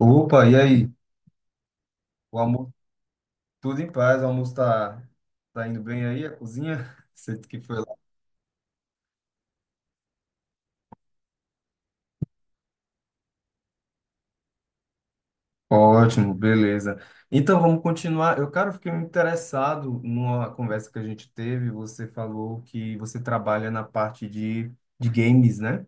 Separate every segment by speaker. Speaker 1: Opa, e aí? O almoço, Tudo em paz, o almoço tá indo bem aí, a cozinha? Sei que foi lá. Ótimo, beleza. Então vamos continuar. Eu, cara, fiquei interessado numa conversa que a gente teve. Você falou que você trabalha na parte de games, né?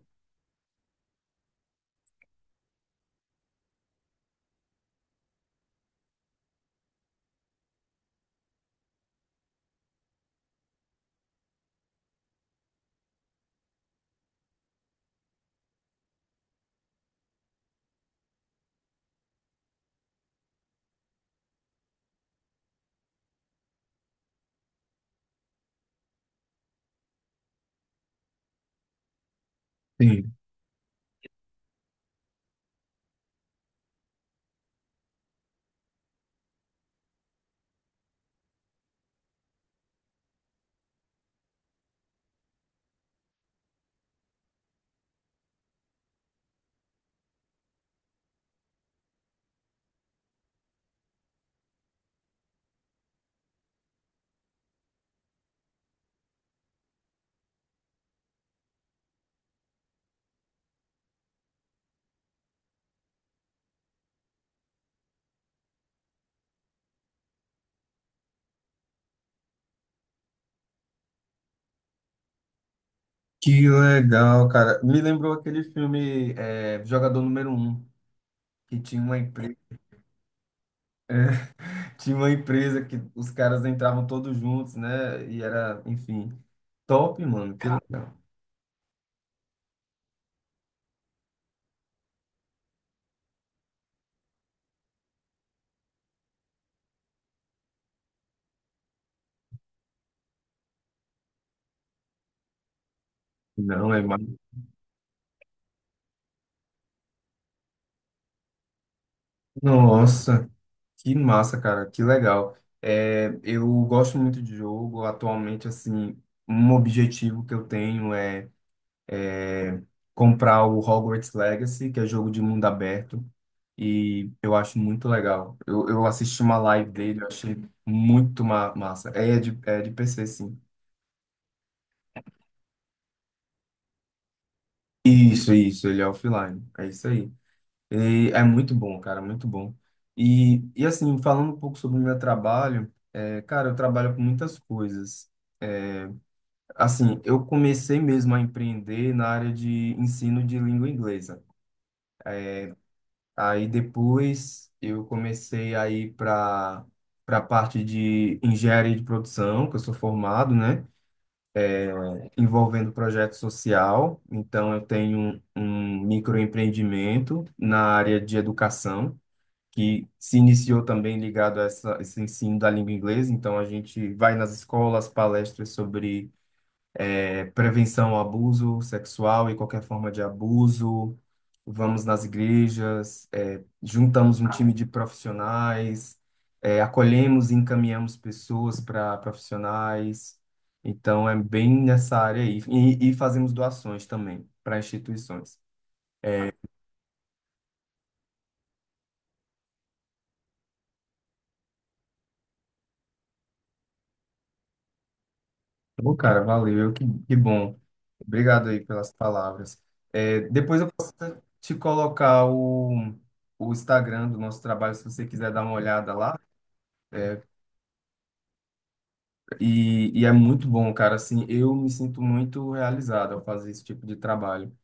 Speaker 1: Sim. Que legal, cara. Me lembrou aquele filme Jogador Número Um que tinha uma empresa, tinha uma empresa que os caras entravam todos juntos, né? E era, enfim, top, mano. Que legal. Não, é. Nossa, que massa, cara, que legal. É, eu gosto muito de jogo. Atualmente, assim, um objetivo que eu tenho é é comprar o Hogwarts Legacy, que é jogo de mundo aberto, e eu acho muito legal. Eu assisti uma live dele, eu achei muito ma massa. É de PC, sim. Isso, ele é offline. É isso aí. E é muito bom, cara, muito bom. E assim, falando um pouco sobre o meu trabalho, cara, eu trabalho com muitas coisas. Assim, eu comecei mesmo a empreender na área de ensino de língua inglesa. Aí depois eu comecei a ir para a parte de engenharia de produção, que eu sou formado, né? Envolvendo projeto social. Então eu tenho um microempreendimento na área de educação, que se iniciou também ligado a essa, esse ensino da língua inglesa. Então a gente vai nas escolas, palestras sobre prevenção ao abuso sexual e qualquer forma de abuso. Vamos nas igrejas, juntamos um time de profissionais, acolhemos e encaminhamos pessoas para profissionais. Então, é bem nessa área aí. E fazemos doações também para instituições. Ô, cara, valeu, que bom. Obrigado aí pelas palavras. Depois eu posso te colocar o Instagram do nosso trabalho, se você quiser dar uma olhada lá. É, e é muito bom, cara. Assim, eu me sinto muito realizado ao fazer esse tipo de trabalho.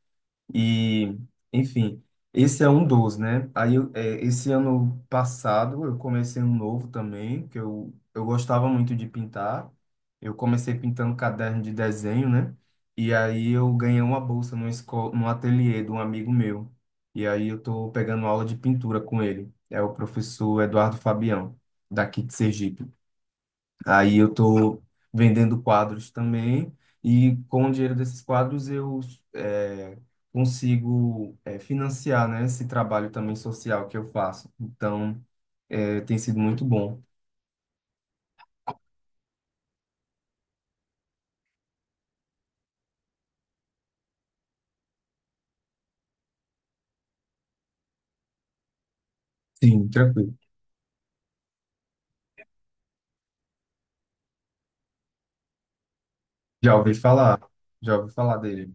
Speaker 1: E, enfim, esse é um dos, né? Aí, esse ano passado, eu comecei um novo também, que eu gostava muito de pintar. Eu comecei pintando caderno de desenho, né? E aí eu ganhei uma bolsa numa escola, num ateliê de um amigo meu. E aí eu tô pegando aula de pintura com ele. É o professor Eduardo Fabião, daqui de Sergipe. Aí eu tô vendendo quadros também e com o dinheiro desses quadros eu é, consigo financiar, né, esse trabalho também social que eu faço. Então, tem sido muito bom. Sim, tranquilo. Já ouvi falar, já ouvi falar dele.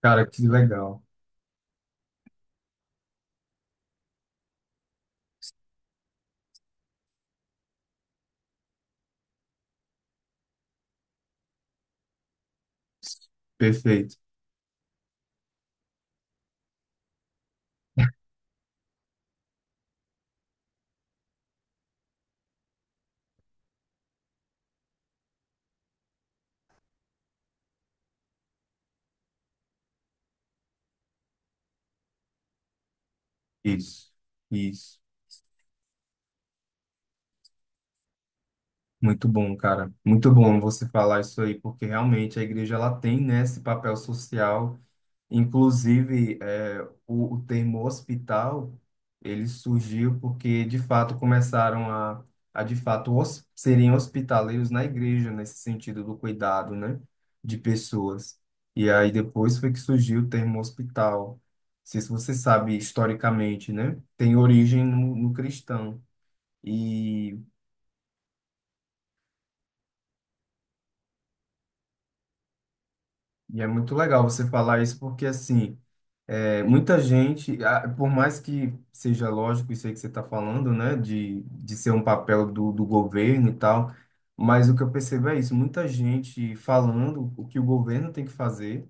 Speaker 1: Cara, que legal. Perfeito. Isso, isso. Muito bom, cara. Muito bom você falar isso aí, porque realmente a igreja ela tem, né, esse papel social. Inclusive, o termo hospital, ele surgiu porque, de fato, começaram a de fato, serem hospitaleiros na igreja, nesse sentido do cuidado, né, de pessoas. E aí depois foi que surgiu o termo hospital. Não sei se você sabe historicamente, né, tem origem no, no cristão. E, e é muito legal você falar isso porque, assim, é, muita gente, ah, por mais que seja lógico isso aí que você está falando, né, de ser um papel do governo e tal, mas o que eu percebo é isso, muita gente falando o que o governo tem que fazer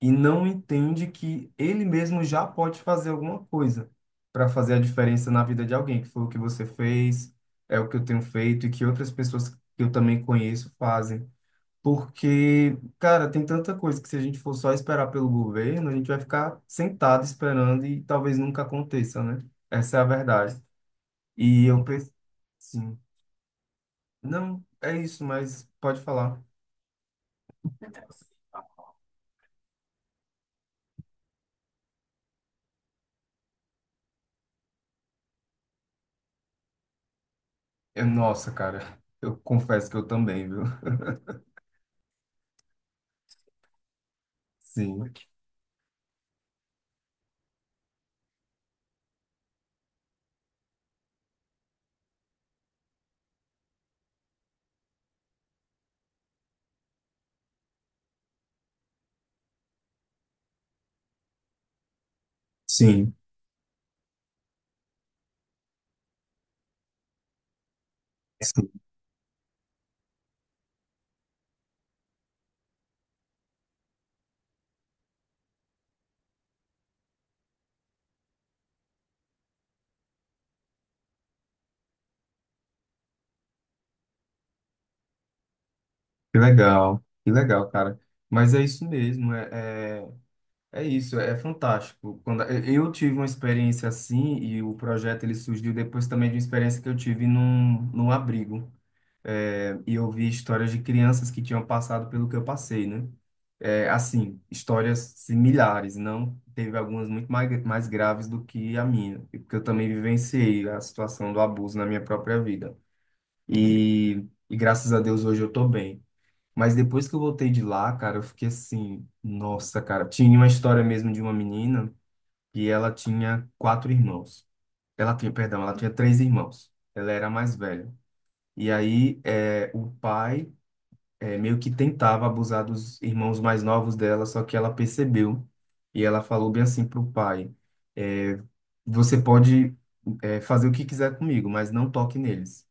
Speaker 1: e não entende que ele mesmo já pode fazer alguma coisa para fazer a diferença na vida de alguém, que foi o que você fez, é o que eu tenho feito e que outras pessoas que eu também conheço fazem. Porque, cara, tem tanta coisa que se a gente for só esperar pelo governo, a gente vai ficar sentado esperando e talvez nunca aconteça, né? Essa é a verdade. E eu penso, sim, não, é isso, mas pode falar. Nossa, cara, eu confesso que eu também, viu? Sim, sim, sim. Que legal, cara. Mas é isso mesmo, é, é. É isso, é fantástico. Quando eu tive uma experiência assim e o projeto ele surgiu depois também de uma experiência que eu tive num abrigo. É, e eu vi histórias de crianças que tinham passado pelo que eu passei, né? É, assim, histórias similares, não teve algumas muito mais, graves do que a minha, e porque eu também vivenciei a situação do abuso na minha própria vida. E graças a Deus hoje eu tô bem. Mas depois que eu voltei de lá, cara, eu fiquei assim, nossa, cara. Tinha uma história mesmo de uma menina e ela tinha quatro irmãos. Ela tinha, perdão, ela tinha três irmãos. Ela era a mais velha. E aí, o pai meio que tentava abusar dos irmãos mais novos dela, só que ela percebeu. E ela falou bem assim pro pai: é, Você pode, fazer o que quiser comigo, mas não toque neles.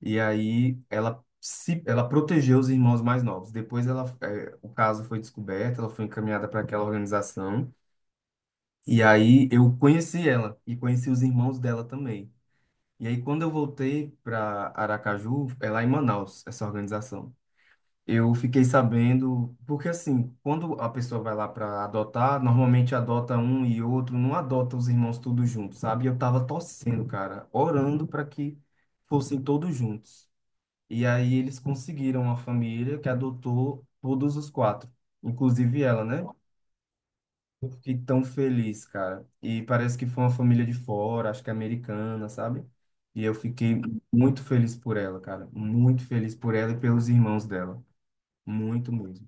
Speaker 1: E aí ela se, ela protegeu os irmãos mais novos. Depois o caso foi descoberto, ela foi encaminhada para aquela organização. E aí eu conheci ela e conheci os irmãos dela também. E aí quando eu voltei para Aracaju, é lá em Manaus, essa organização. Eu fiquei sabendo, porque assim, quando a pessoa vai lá para adotar, normalmente adota um e outro, não adota os irmãos todos juntos, sabe? E eu tava torcendo, cara, orando para que fossem todos juntos. E aí eles conseguiram uma família que adotou todos os quatro, inclusive ela, né? Eu fiquei tão feliz, cara. E parece que foi uma família de fora, acho que americana, sabe? E eu fiquei muito feliz por ela, cara. Muito feliz por ela e pelos irmãos dela. Muito mesmo.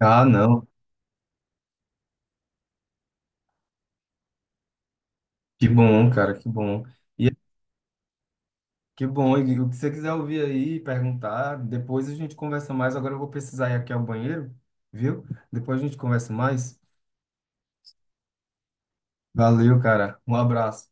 Speaker 1: Ah, não. Que bom, cara, que bom. E é, que bom. E o que você quiser ouvir aí, perguntar, depois a gente conversa mais. Agora eu vou precisar ir aqui ao banheiro, viu? Depois a gente conversa mais. Valeu, cara. Um abraço.